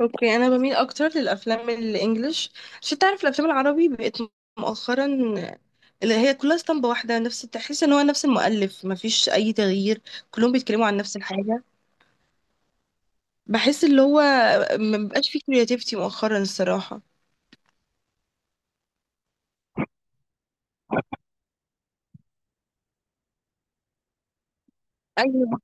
اوكي، انا بميل اكتر للافلام الانجليش، عشان تعرف الافلام العربي بقت مؤخرا اللي هي كلها اسطمبة واحدة. نفس تحس ان هو نفس المؤلف، مفيش اي تغيير. كلهم بيتكلموا عن نفس الحاجة. بحس اللي هو مبقاش فيه كرياتيفيتي مؤخرا الصراحة. ايوه،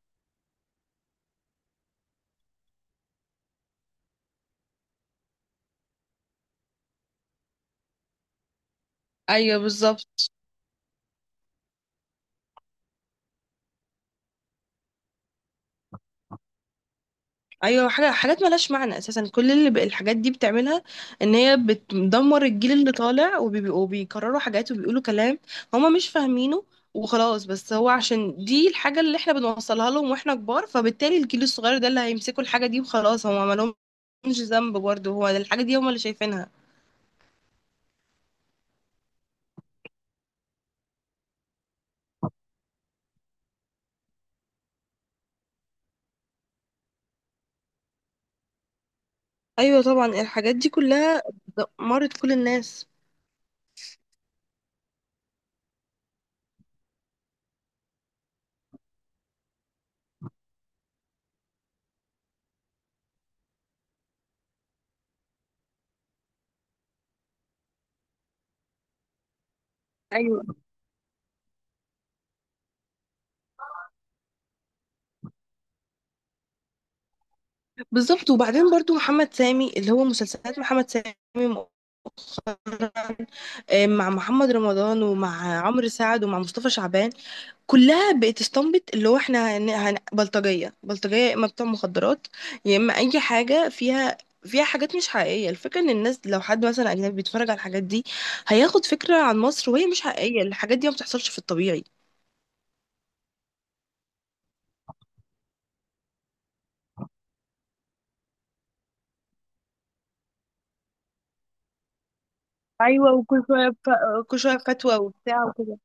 ايوه بالظبط. ايوه، حاجات ملهاش معنى اساسا. كل اللي الحاجات دي بتعملها ان هي بتدمر الجيل اللي طالع، وبيكرروا حاجات وبيقولوا كلام هما مش فاهمينه وخلاص. بس هو عشان دي الحاجه اللي احنا بنوصلها لهم واحنا كبار، فبالتالي الجيل الصغير ده اللي هيمسكوا الحاجه دي وخلاص. هما ما لهمش ذنب برضه، هو الحاجه دي هما اللي شايفينها. ايوه طبعا، الحاجات دي كلها دمرت كل الناس. ايوه بالظبط. وبعدين برضو محمد سامي، اللي هو مسلسلات محمد سامي مع محمد رمضان ومع عمرو سعد ومع مصطفى شعبان، كلها بقت استنبط اللي هو احنا بلطجية بلطجية، يا اما بتوع مخدرات، يا اما اي حاجة فيها حاجات مش حقيقية. الفكرة ان الناس لو حد مثلا اجنبي بيتفرج على الحاجات دي هياخد فكرة عن مصر وهي مش حقيقية، الحاجات دي ما بتحصلش في الطبيعي. ايوه، وكل كل شويه فتوى وبتاع وكده.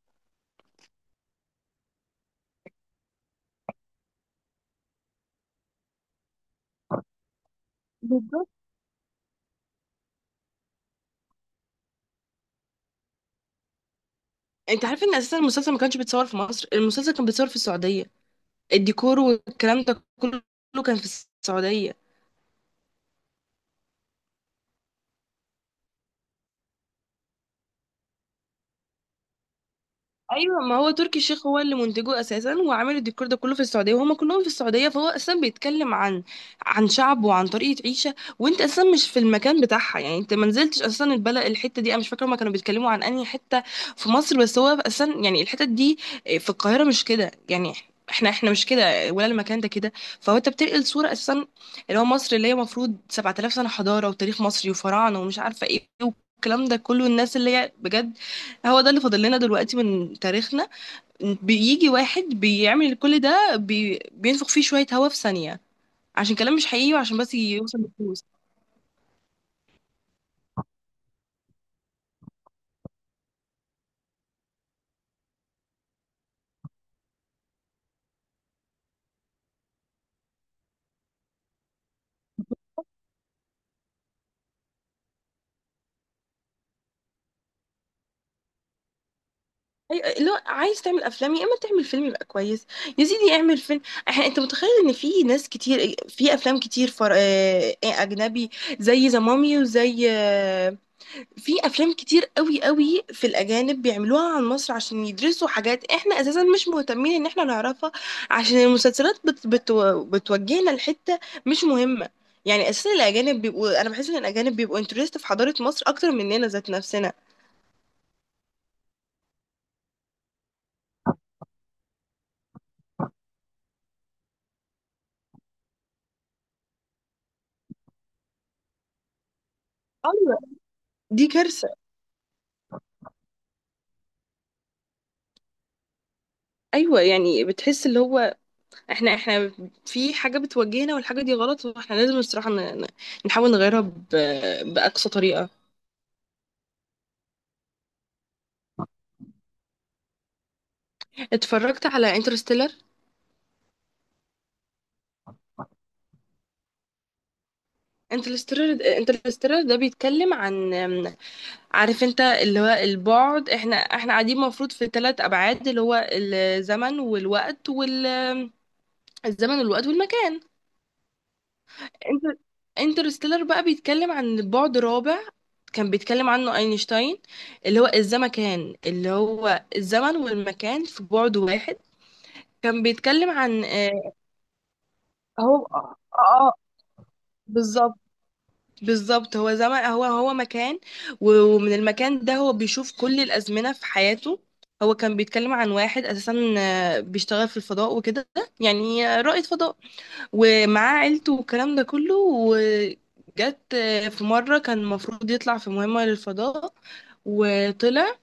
بالظبط، انت عارف ان اساسا المسلسل ما كانش بيتصور في مصر؟ المسلسل كان بيتصور في السعوديه، الديكور والكلام ده كله كان في السعوديه. ايوه، ما هو تركي الشيخ هو اللي منتجه اساسا وعامل الديكور ده كله في السعوديه، وهم كلهم في السعوديه. فهو اساسا بيتكلم عن عن شعب وعن طريقه عيشه، وانت اساسا مش في المكان بتاعها. يعني انت ما نزلتش اساسا البلد الحته دي، انا مش فاكره هما كانوا بيتكلموا عن انهي حته في مصر، بس هو اساسا يعني الحتت دي في القاهره مش كده يعني. احنا مش كده، ولا المكان ده كده. فهو انت بتنقل صوره اساسا اللي هو مصر، اللي هي المفروض 7000 سنه حضاره وتاريخ مصري وفراعنه ومش عارفه ايه، والكلام ده كله. الناس اللي هي بجد، هو ده اللي فاضل لنا دلوقتي من تاريخنا. بيجي واحد بيعمل كل ده، بينفخ فيه شوية هوا في ثانية، عشان كلام مش حقيقي وعشان بس يوصل لفلوس. لا، عايز تعمل افلام يا اما تعمل فيلم يبقى كويس. يا سيدي اعمل فيلم. احنا انت متخيل ان في ناس كتير في افلام كتير فر... آه، اجنبي، زي ذا مامي وزي في افلام كتير قوي قوي في الاجانب بيعملوها عن مصر عشان يدرسوا حاجات احنا اساسا مش مهتمين ان احنا نعرفها، عشان المسلسلات بت بت بتوجهنا لحته مش مهمه. يعني اساسا الاجانب بيبقوا، انا بحس ان الاجانب بيبقوا انترست في حضاره مصر اكتر مننا ذات نفسنا. ايوه، دي كارثه. ايوه، يعني بتحس اللي هو احنا في حاجه بتوجهنا، والحاجه دي غلط، واحنا لازم الصراحه نحاول نغيرها باقصى طريقه. اتفرجت على انترستيلر. انترستيلر ده بيتكلم عن، عارف انت اللي هو البعد، احنا قاعدين المفروض في 3 ابعاد، اللي هو الزمن والوقت وال الزمن والوقت والمكان. انت، انترستيلر بقى بيتكلم عن بعد رابع، كان بيتكلم عنه اينشتاين، اللي هو الزمكان، اللي هو الزمن والمكان في بعد واحد. كان بيتكلم عن هو بالظبط. بالظبط، هو زمان، هو مكان، ومن المكان ده هو بيشوف كل الأزمنة في حياته. هو كان بيتكلم عن واحد أساسا بيشتغل في الفضاء وكده، يعني رائد فضاء، ومعاه عيلته والكلام ده كله. وجت في مرة كان المفروض يطلع في مهمة للفضاء، وطلع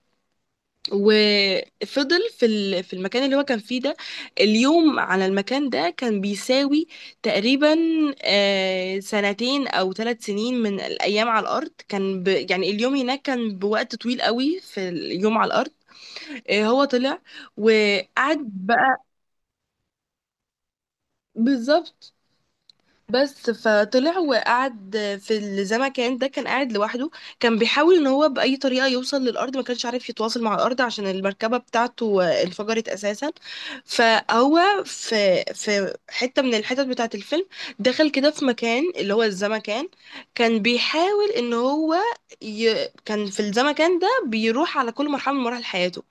وفضل في المكان اللي هو كان فيه ده. اليوم على المكان ده كان بيساوي تقريبا سنتين او 3 سنين من الايام على الارض. كان يعني اليوم هناك كان بوقت طويل قوي في اليوم على الارض. هو طلع وقعد بقى. بالظبط. بس فطلع وقعد في الزمكان ده، كان قاعد لوحده. كان بيحاول ان هو بأي طريقة يوصل للأرض، ما كانش عارف يتواصل مع الأرض عشان المركبة بتاعته انفجرت أساسا. فهو في حتة من الحتت بتاعة الفيلم دخل كده في مكان اللي هو الزمكان، كان بيحاول ان هو، كان في الزمكان ده بيروح على كل مرحلة من مراحل حياته.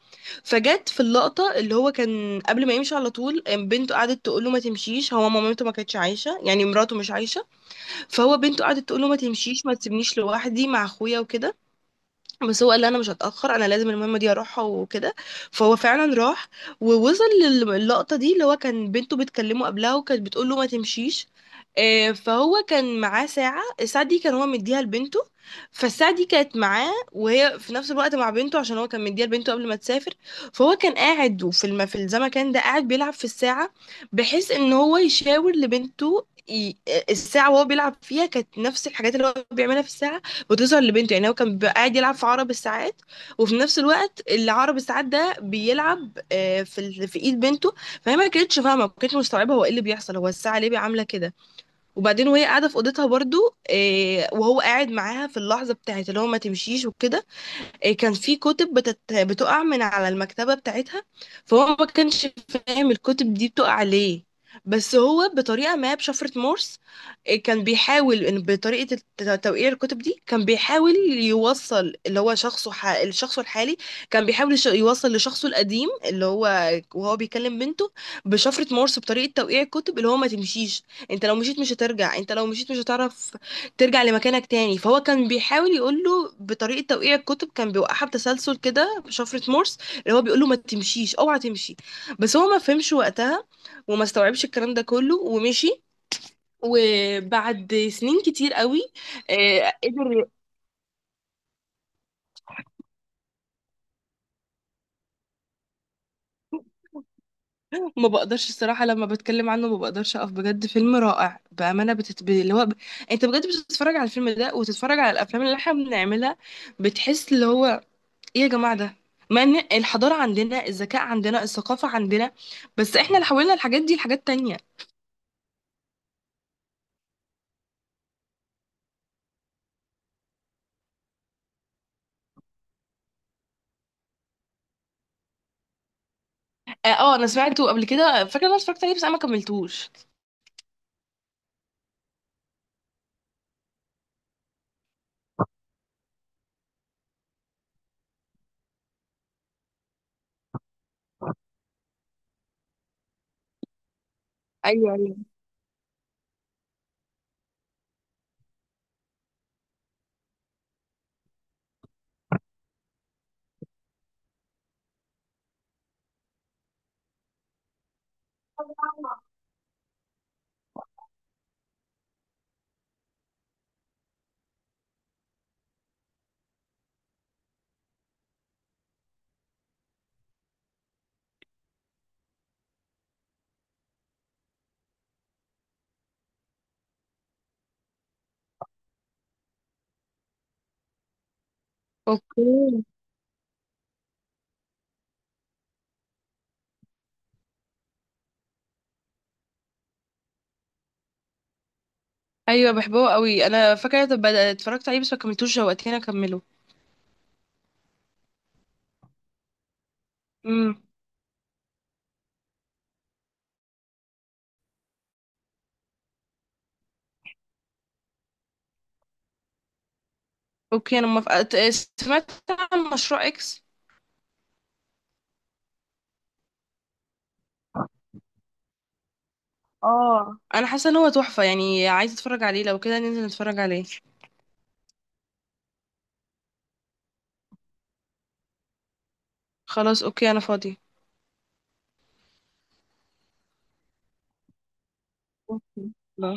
فجت في اللقطة اللي هو كان قبل ما يمشي على طول بنته قعدت تقول له ما تمشيش، هو مامته ما كانتش عايشة يعني، مراته مش عايشة. فهو بنته قعدت تقول له ما تمشيش، ما تسيبنيش لوحدي مع اخويا وكده. بس هو قال لي انا مش هتاخر، انا لازم المهمه دي اروحها وكده. فهو فعلا راح، ووصل للقطه دي اللي هو كان بنته بتكلمه قبلها وكانت بتقول له ما تمشيش. فهو كان معاه ساعه، الساعه دي كان هو مديها لبنته. فالساعه دي كانت معاه، وهي في نفس الوقت مع بنته، عشان هو كان مديها لبنته قبل ما تسافر. فهو كان قاعد، وفي في الزمكان ده قاعد بيلعب في الساعه، بحيث ان هو يشاور لبنته. الساعة وهو بيلعب فيها كانت نفس الحاجات اللي هو بيعملها في الساعة، وتظهر لبنته. يعني هو كان بيبقى قاعد يلعب في عرب الساعات، وفي نفس الوقت اللي عرب الساعات ده بيلعب في في ايد بنته. فهي ما كانتش فاهمه، ما كانتش مستوعبه هو ايه اللي بيحصل، هو الساعه ليه عامله كده. وبعدين وهي قاعده في اوضتها برضو وهو قاعد معاها في اللحظه بتاعت اللي هو ما تمشيش وكده. كان في كتب بتقع من على المكتبة بتاعتها. فهو ما كانش فاهم الكتب دي بتقع ليه، بس هو بطريقة ما بشفرة مورس. كان بيحاول إن بطريقة توقيع الكتب دي، كان بيحاول يوصل اللي هو شخصه، الشخص الحالي كان بيحاول يوصل لشخصه القديم، اللي هو وهو بيكلم بنته بشفرة مورس بطريقة توقيع الكتب اللي هو ما تمشيش. انت لو مشيت مش هترجع، انت لو مشيت مش هتعرف ترجع لمكانك تاني. فهو كان بيحاول يقول له بطريقه توقيع الكتب، كان بيوقعها بتسلسل كده بشفره مورس اللي هو بيقول له ما تمشيش، اوعى تمشي. بس هو ما فهمش وقتها، وما استوعبش الكلام ده كله ومشي. وبعد سنين كتير قوي قدر. ما بقدرش الصراحه لما بتكلم عنه، ما بقدرش اقف، بجد فيلم رائع بامانه. اللي هو انت بجد بتتفرج على الفيلم ده وتتفرج على الافلام اللي احنا بنعملها، بتحس اللي هو ايه يا جماعة ده. ما ان الحضارة عندنا، الذكاء عندنا، الثقافة عندنا، بس احنا اللي حولنا الحاجات دي لحاجات تانية. اه، انا سمعته قبل كده، فاكرة إن انا اتفرجت عليه بس انا ما كملتوش. ايوه، ايوه. اوكي. ايوه بحبه قوي، انا فاكرة. طب اتفرجت عليه بس ما كملتوش، شوقتني اكمله. امم اوكي انا موافقة. سمعت عن مشروع اكس؟ اه، انا حاسة ان هو تحفة، يعني عايزة اتفرج عليه، لو كده ننزل نتفرج عليه. خلاص اوكي، انا فاضي. أوكي.